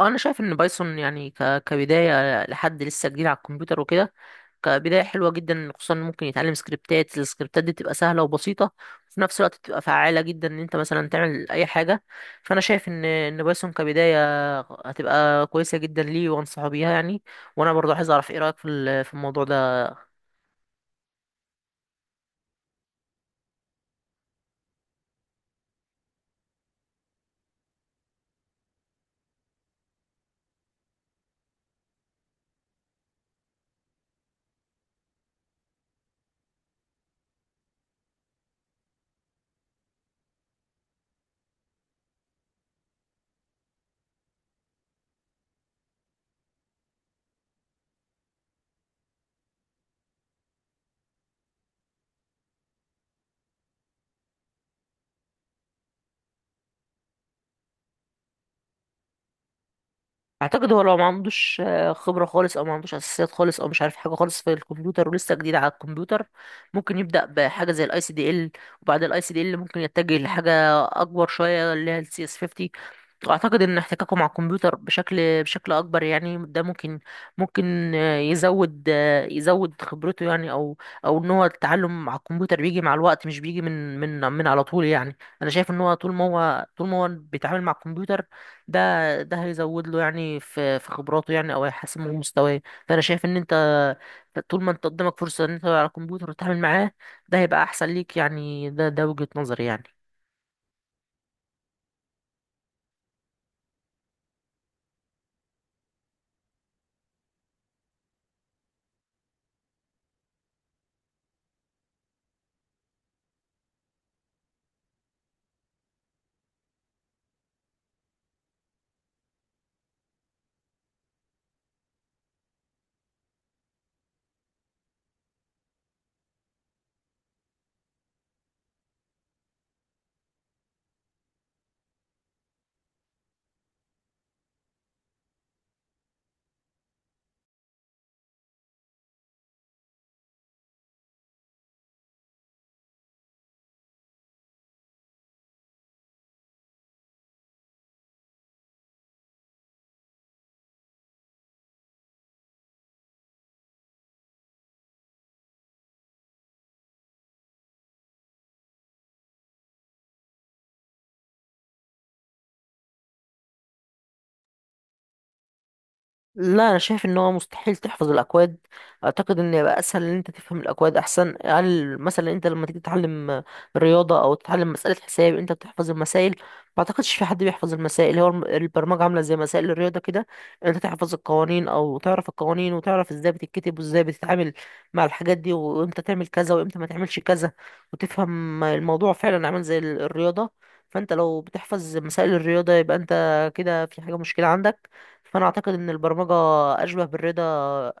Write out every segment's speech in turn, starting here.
انا شايف ان بايثون يعني كبدايه لحد لسه جديد على الكمبيوتر وكده. كبدايه حلوه جدا، خصوصا إن ممكن يتعلم السكريبتات دي بتبقى سهله وبسيطه، وفي نفس الوقت بتبقى فعاله جدا ان انت مثلا تعمل اي حاجه. فانا شايف ان بايثون كبدايه هتبقى كويسه جدا ليه، وانصحه بيها يعني. وانا برضه عايز اعرف ايه رايك في الموضوع ده. اعتقد هو لو ما عندوش خبره خالص، او ما عندوش اساسيات خالص، او مش عارف حاجه خالص في الكمبيوتر ولسه جديد على الكمبيوتر، ممكن يبدا بحاجه زي ICDL، وبعد ICDL ممكن يتجه لحاجه اكبر شويه اللي هي CS50. واعتقد ان احتكاكه مع الكمبيوتر بشكل اكبر يعني، ده ممكن ممكن آه، يزود آه، يزود خبرته يعني، او ان هو التعلم مع الكمبيوتر بيجي مع الوقت، مش بيجي من على طول يعني. انا شايف ان هو طول ما هو بيتعامل مع الكمبيوتر، ده ده هيزود له يعني في خبراته يعني، او هيحسن من مستواه. فانا شايف ان انت طول ما انت قدامك فرصه ان انت على الكمبيوتر وتتعامل معاه، ده هيبقى احسن ليك يعني. ده وجهة نظري يعني. لا، انا شايف ان هو مستحيل تحفظ الاكواد. اعتقد ان يبقى اسهل ان انت تفهم الاكواد احسن. هل مثلا انت لما تيجي تتعلم رياضه او تتعلم مساله حساب انت بتحفظ المسائل؟ ما اعتقدش في حد بيحفظ المسائل. هو البرمجه عامله زي مسائل الرياضه كده، انت تحفظ القوانين او تعرف القوانين، وتعرف ازاي بتتكتب وازاي بتتعامل مع الحاجات دي، وامتى تعمل كذا وامتى ما تعملش كذا، وتفهم الموضوع فعلا عامل زي الرياضه. فانت لو بتحفظ مسائل الرياضه يبقى انت كده في حاجه مشكله عندك. فانا اعتقد ان البرمجه اشبه بالرياضه،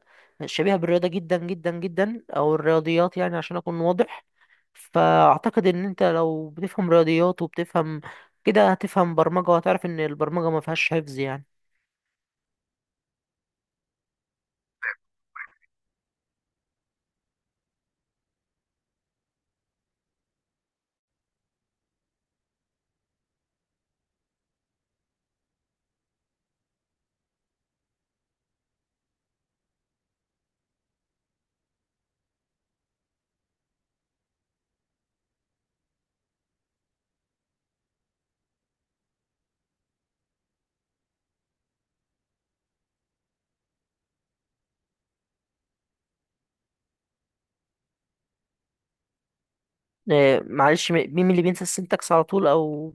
شبيهه بالرياضه جدا جدا جدا، او الرياضيات يعني عشان اكون واضح. فاعتقد ان انت لو بتفهم رياضيات وبتفهم كده هتفهم برمجه، وهتعرف ان البرمجه ما فيهاش حفظ يعني. معلش، مين اللي بينسى السنتكس على طول او...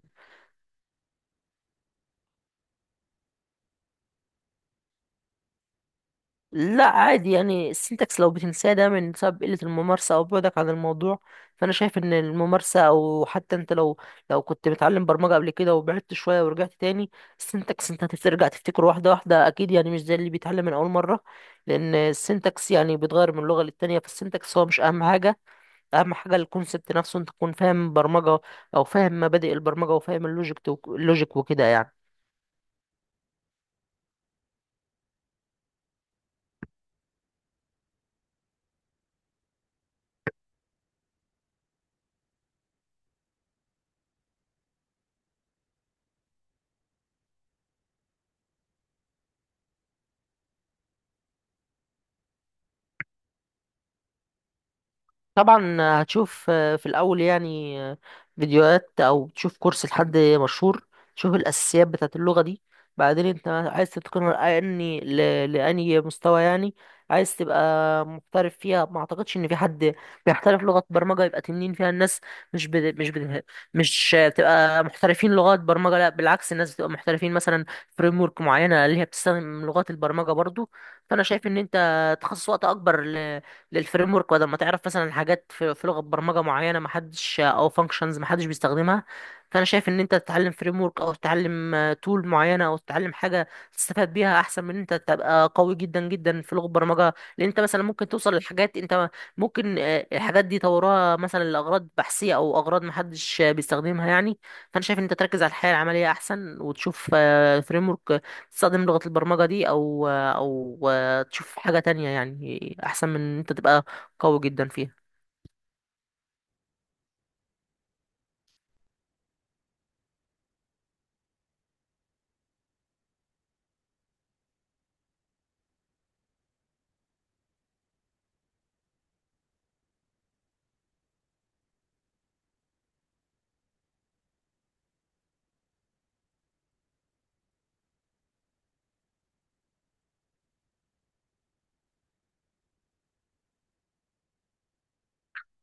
لا، عادي يعني، السنتكس لو بتنساه ده من سبب قلة الممارسة أو بعدك عن الموضوع. فأنا شايف إن الممارسة، أو حتى أنت لو كنت بتعلم برمجة قبل كده وبعدت شوية ورجعت تاني، السنتكس أنت هترجع تفتكره واحدة واحدة أكيد يعني، مش زي اللي بيتعلم من أول مرة. لأن السنتكس يعني بيتغير من لغة للتانية، فالسنتكس هو مش أهم حاجة. أهم حاجة الكونسبت نفسه، أنت تكون فاهم برمجة، أو فاهم مبادئ البرمجة وفاهم اللوجيك وكده يعني. طبعا هتشوف في الأول يعني فيديوهات، أو تشوف كورس لحد مشهور، تشوف الأساسيات بتاعة اللغة دي. بعدين أنت عايز تتقنها لأني مستوى يعني عايز تبقى محترف فيها. ما أعتقدش إن في حد بيحترف لغة برمجة يبقى تنين فيها. الناس مش بت... مش بت... مش بتبقى محترفين لغات برمجة، لا بالعكس، الناس بتبقى محترفين مثلا فريم ورك معينة اللي هي بتستخدم لغات البرمجة برضو. فأنا شايف إن أنت تخصص وقت أكبر للفريم ورك، بدل ما تعرف مثلا حاجات في لغه برمجه معينه ما حدش او فانكشنز ما حدش بيستخدمها. فانا شايف ان انت تتعلم فريم ورك، او تتعلم تول معينه، او تتعلم حاجه تستفاد بيها احسن من إن انت تبقى قوي جدا جدا في لغه برمجه. لان انت مثلا ممكن توصل لحاجات انت ممكن الحاجات دي طورها مثلا لاغراض بحثيه او اغراض ما حدش بيستخدمها يعني. فانا شايف ان انت تركز على الحياه العمليه احسن، وتشوف فريم ورك تستخدم لغة البرمجة دي، او تشوف حاجة تانية يعني، احسن من ان انت تبقى قوي جدا فيها.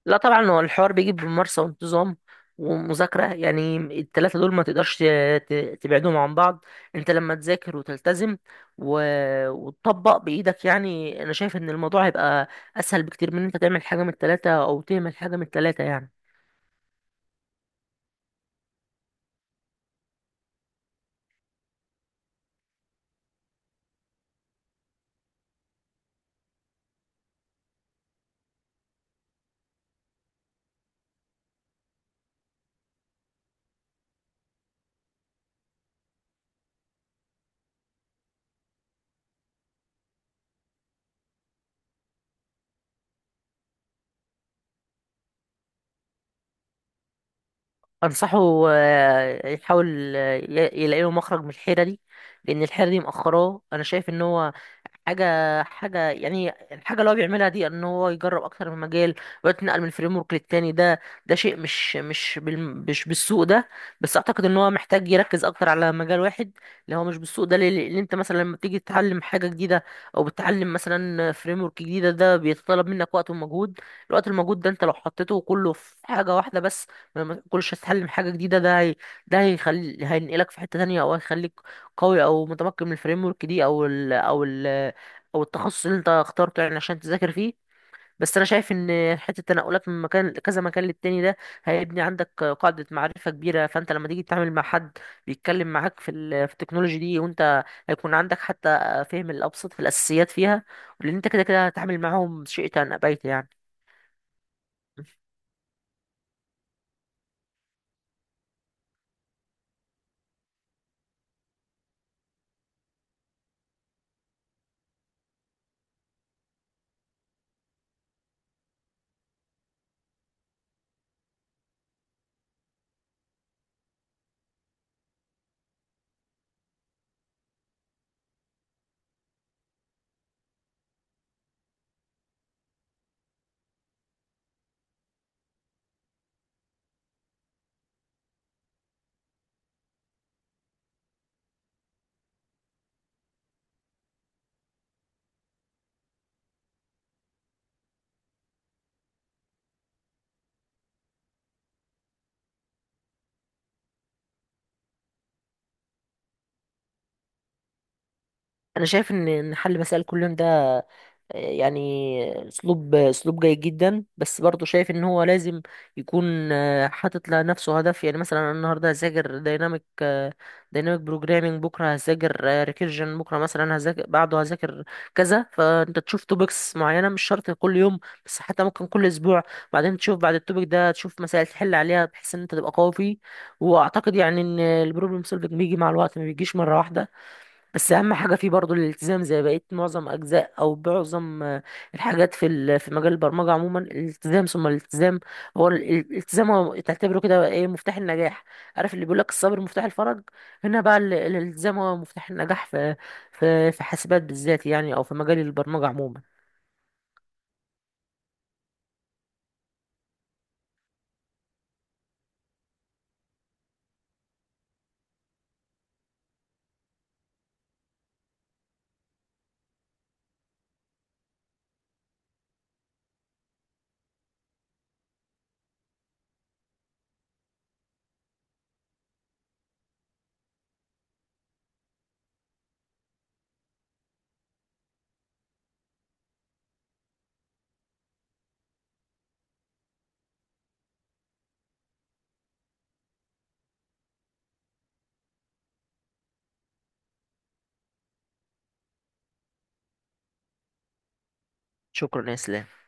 لا طبعا، هو الحوار بيجي بممارسة وانتظام ومذاكرة يعني. التلاتة دول ما تقدرش تبعدهم عن بعض. انت لما تذاكر وتلتزم و... وتطبق بإيدك يعني، انا شايف ان الموضوع هيبقى اسهل بكتير من ان انت تعمل حاجة من التلاتة او تهمل حاجة من التلاتة يعني. انصحه يحاول يلاقي له مخرج من الحيرة دي. لان الحيرة دي مأخراه، انا شايف ان هو حاجة حاجة يعني الحاجة اللي هو بيعملها دي ان هو يجرب اكتر من مجال ويتنقل من فريم ورك للتاني. ده شيء مش بالسوق ده. بس اعتقد ان هو محتاج يركز اكتر على مجال واحد اللي هو مش بالسوق ده. لان انت مثلا لما بتيجي تتعلم حاجة جديدة او بتتعلم مثلا فريم ورك جديدة، ده بيتطلب منك وقت ومجهود. الوقت المجهود ده انت لو حطيته كله في حاجة واحدة بس، لما كلش تتعلم حاجة جديدة، ده هي ده هيخلي هينقلك في حتة تانية او هيخليك قوي او متمكن من الفريم ورك دي او التخصص اللي انت اخترته يعني عشان تذاكر فيه. بس انا شايف ان حته التنقلات من مكان كذا مكان للتاني ده هيبني عندك قاعده معرفه كبيره. فانت لما تيجي تتعامل مع حد بيتكلم معاك في التكنولوجي دي، وانت هيكون عندك حتى فهم الابسط في الاساسيات فيها، لان انت كده كده هتتعامل معاهم شئت ام ابيت يعني. انا شايف ان حل مسائل كل يوم ده يعني اسلوب جيد جدا، بس برضه شايف ان هو لازم يكون حاطط لنفسه هدف يعني. مثلا انا النهارده هذاكر دايناميك بروجرامينج، بكره هذاكر ريكيرجن، بكره مثلا هذاكر، بعده هذاكر كذا. فانت تشوف توبكس معينه، مش شرط كل يوم، بس حتى ممكن كل اسبوع، بعدين تشوف بعد التوبك ده تشوف مسائل تحل عليها بحيث ان انت تبقى قوي فيه. واعتقد يعني ان البروبلم سولفنج بيجي مع الوقت، ما بيجيش مره واحده. بس اهم حاجه فيه برضو الالتزام، زي بقيه معظم اجزاء او معظم الحاجات في مجال البرمجه عموما. الالتزام ثم الالتزام هو الالتزام، هو تعتبره كده ايه مفتاح النجاح. عارف اللي بيقول لك الصبر مفتاح الفرج، هنا بقى الالتزام هو مفتاح النجاح في حاسبات بالذات يعني، او في مجال البرمجه عموما. شكرا يا اسلام.